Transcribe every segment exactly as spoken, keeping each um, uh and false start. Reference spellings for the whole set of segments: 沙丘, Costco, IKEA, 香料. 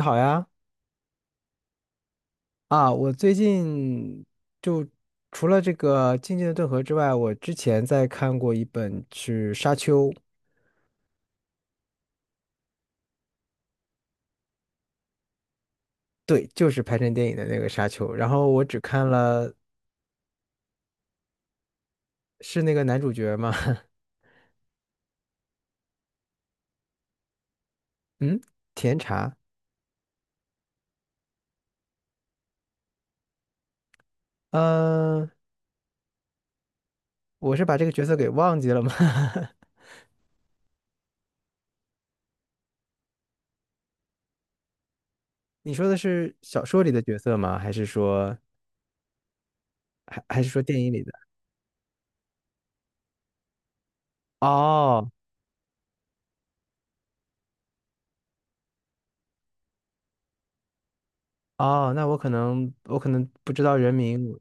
你好呀，啊，我最近就除了这个《静静的顿河》之外，我之前在看过一本是《沙丘》，对，就是拍成电影的那个《沙丘》，然后我只看了是那个男主角吗？嗯，甜茶，呃，我是把这个角色给忘记了吗？你说的是小说里的角色吗？还是说还还是说电影里的？哦哦，那我可能我可能不知道人名，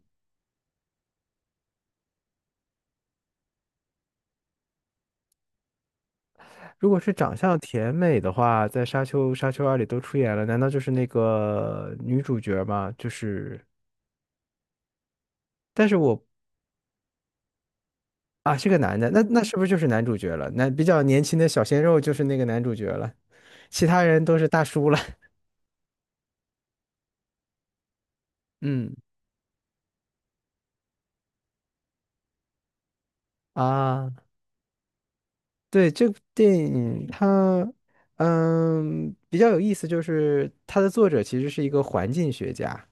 如果是长相甜美的话，在《沙丘》《沙丘二》里都出演了，难道就是那个女主角吗？就是，但是我啊是个男的，那那是不是就是男主角了？那比较年轻的小鲜肉就是那个男主角了，其他人都是大叔了。嗯啊，对，这部电影它嗯比较有意思，就是它的作者其实是一个环境学家。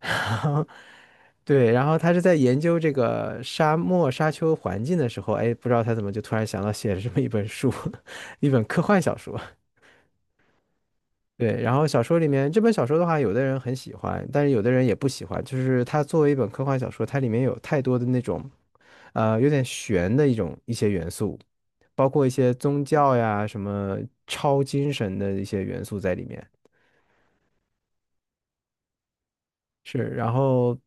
对，然后他是在研究这个沙漠沙丘环境的时候，哎，不知道他怎么就突然想到写了这么一本书，一本科幻小说。对，然后小说里面这本小说的话，有的人很喜欢，但是有的人也不喜欢。就是它作为一本科幻小说，它里面有太多的那种，呃，有点玄的一种一些元素，包括一些宗教呀、什么超精神的一些元素在里面。是，然后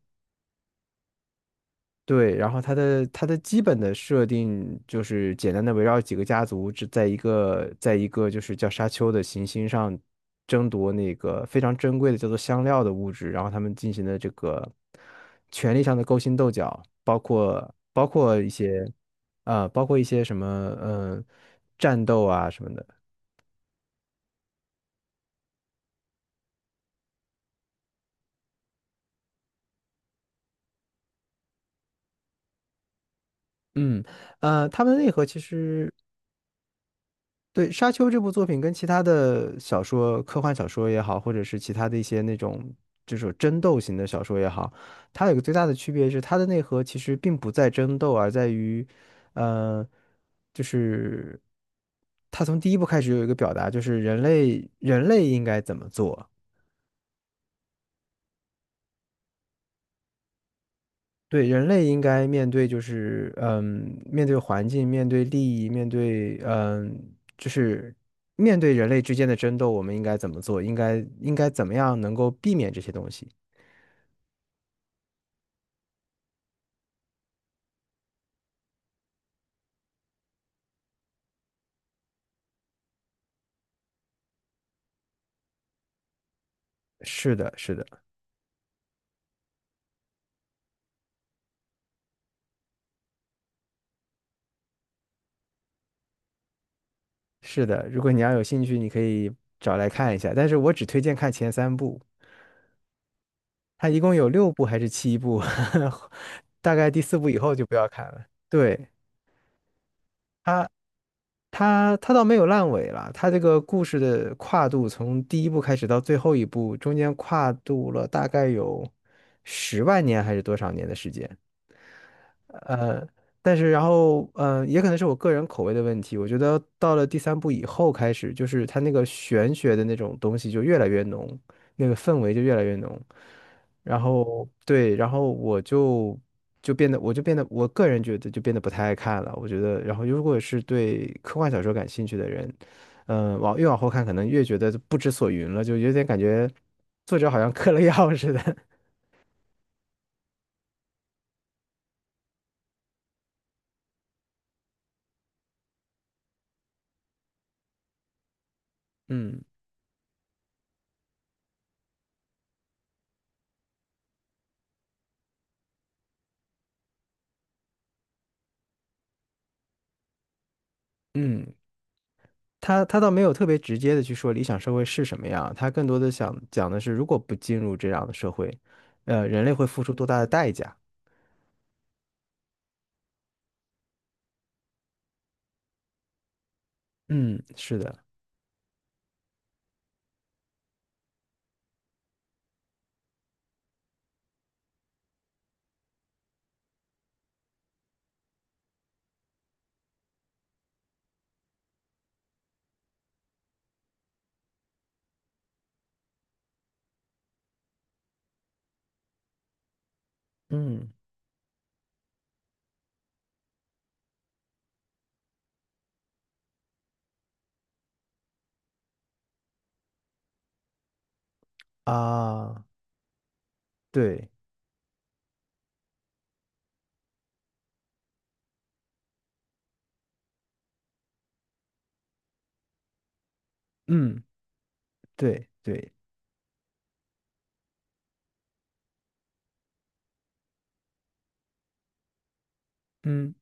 对，然后它的它的基本的设定就是简单的围绕几个家族，只在一个在一个就是叫沙丘的行星上争夺那个非常珍贵的叫做香料的物质，然后他们进行的这个权力上的勾心斗角，包括包括一些呃包括一些什么嗯战斗啊什么的，嗯呃，他们的内核其实。对《沙丘》这部作品跟其他的小说、科幻小说也好，或者是其他的一些那种就是争斗型的小说也好，它有个最大的区别是，它的内核其实并不在争斗，而在于，呃，就是它从第一部开始有一个表达，就是人类人类应该怎么做。对，人类应该面对就是，嗯，面对环境，面对利益，面对，嗯，就是面对人类之间的争斗，我们应该怎么做？应该应该怎么样能够避免这些东西？是的，是的，是的。如果你要有兴趣，你可以找来看一下。但是我只推荐看前三部，它一共有六部还是七部，大概第四部以后就不要看了。对。它它它倒没有烂尾了，它这个故事的跨度从第一部开始到最后一部，中间跨度了大概有十万年还是多少年的时间。呃，但是然后，呃，也可能是我个人口味的问题。我觉得到了第三部以后开始，就是它那个玄学的那种东西就越来越浓，那个氛围就越来越浓。然后对，然后我就就变得，我就变得，我个人觉得就变得不太爱看了。我觉得，然后如果是对科幻小说感兴趣的人，嗯、往越往后看，可能越觉得不知所云了，就有点感觉作者好像嗑了药 似的。嗯嗯，他他倒没有特别直接的去说理想社会是什么样，他更多的想讲的是，如果不进入这样的社会，呃，人类会付出多大的代价？嗯，是的，嗯啊，对，嗯，对对，嗯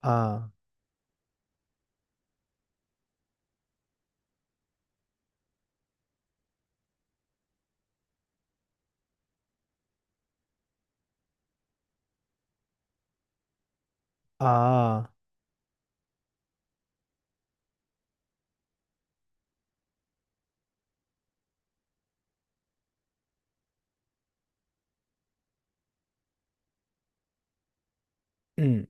啊啊，嗯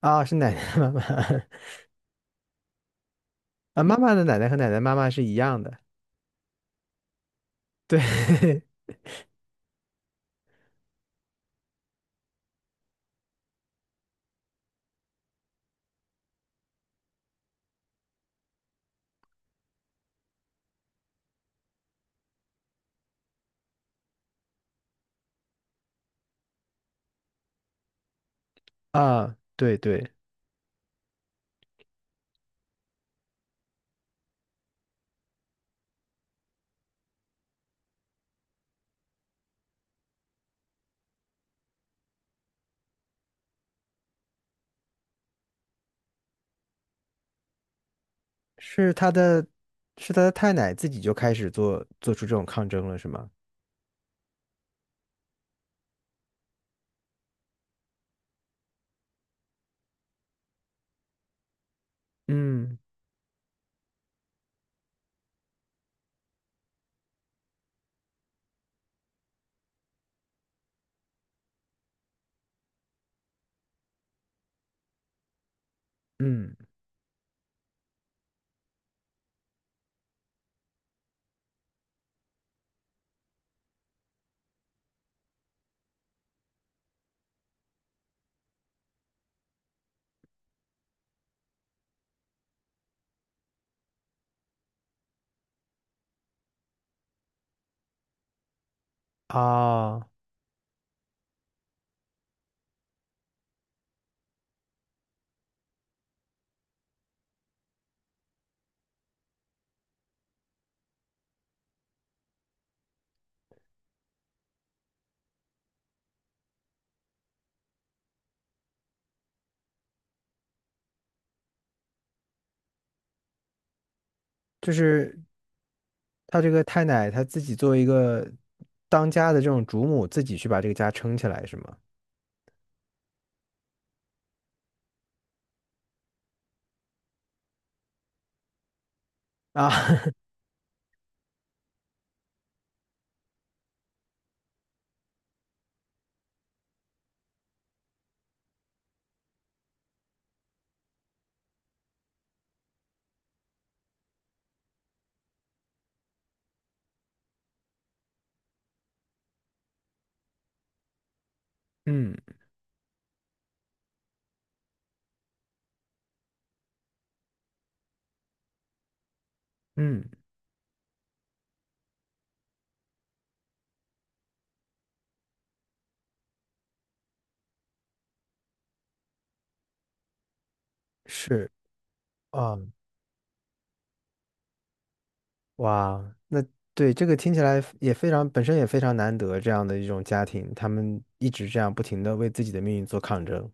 啊，是奶奶妈妈 啊，妈妈的奶奶和奶奶妈妈是一样的，对 啊，对对，是他的，是他的太奶自己就开始做做出这种抗争了，是吗？嗯嗯。啊，就是他这个太奶，他自己作为一个当家的这种主母，自己去把这个家撑起来，是吗？啊，嗯嗯，是啊，哇，那对这个听起来也非常，本身也非常难得这样的一种家庭，他们一直这样不停的为自己的命运做抗争，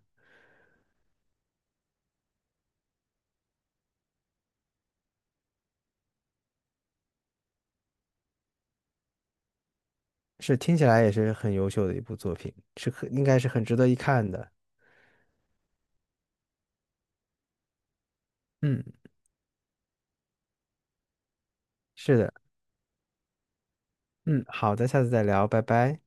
是听起来也是很优秀的一部作品，是很应该是很值得一看的。嗯是的，嗯，好的，下次再聊，拜拜。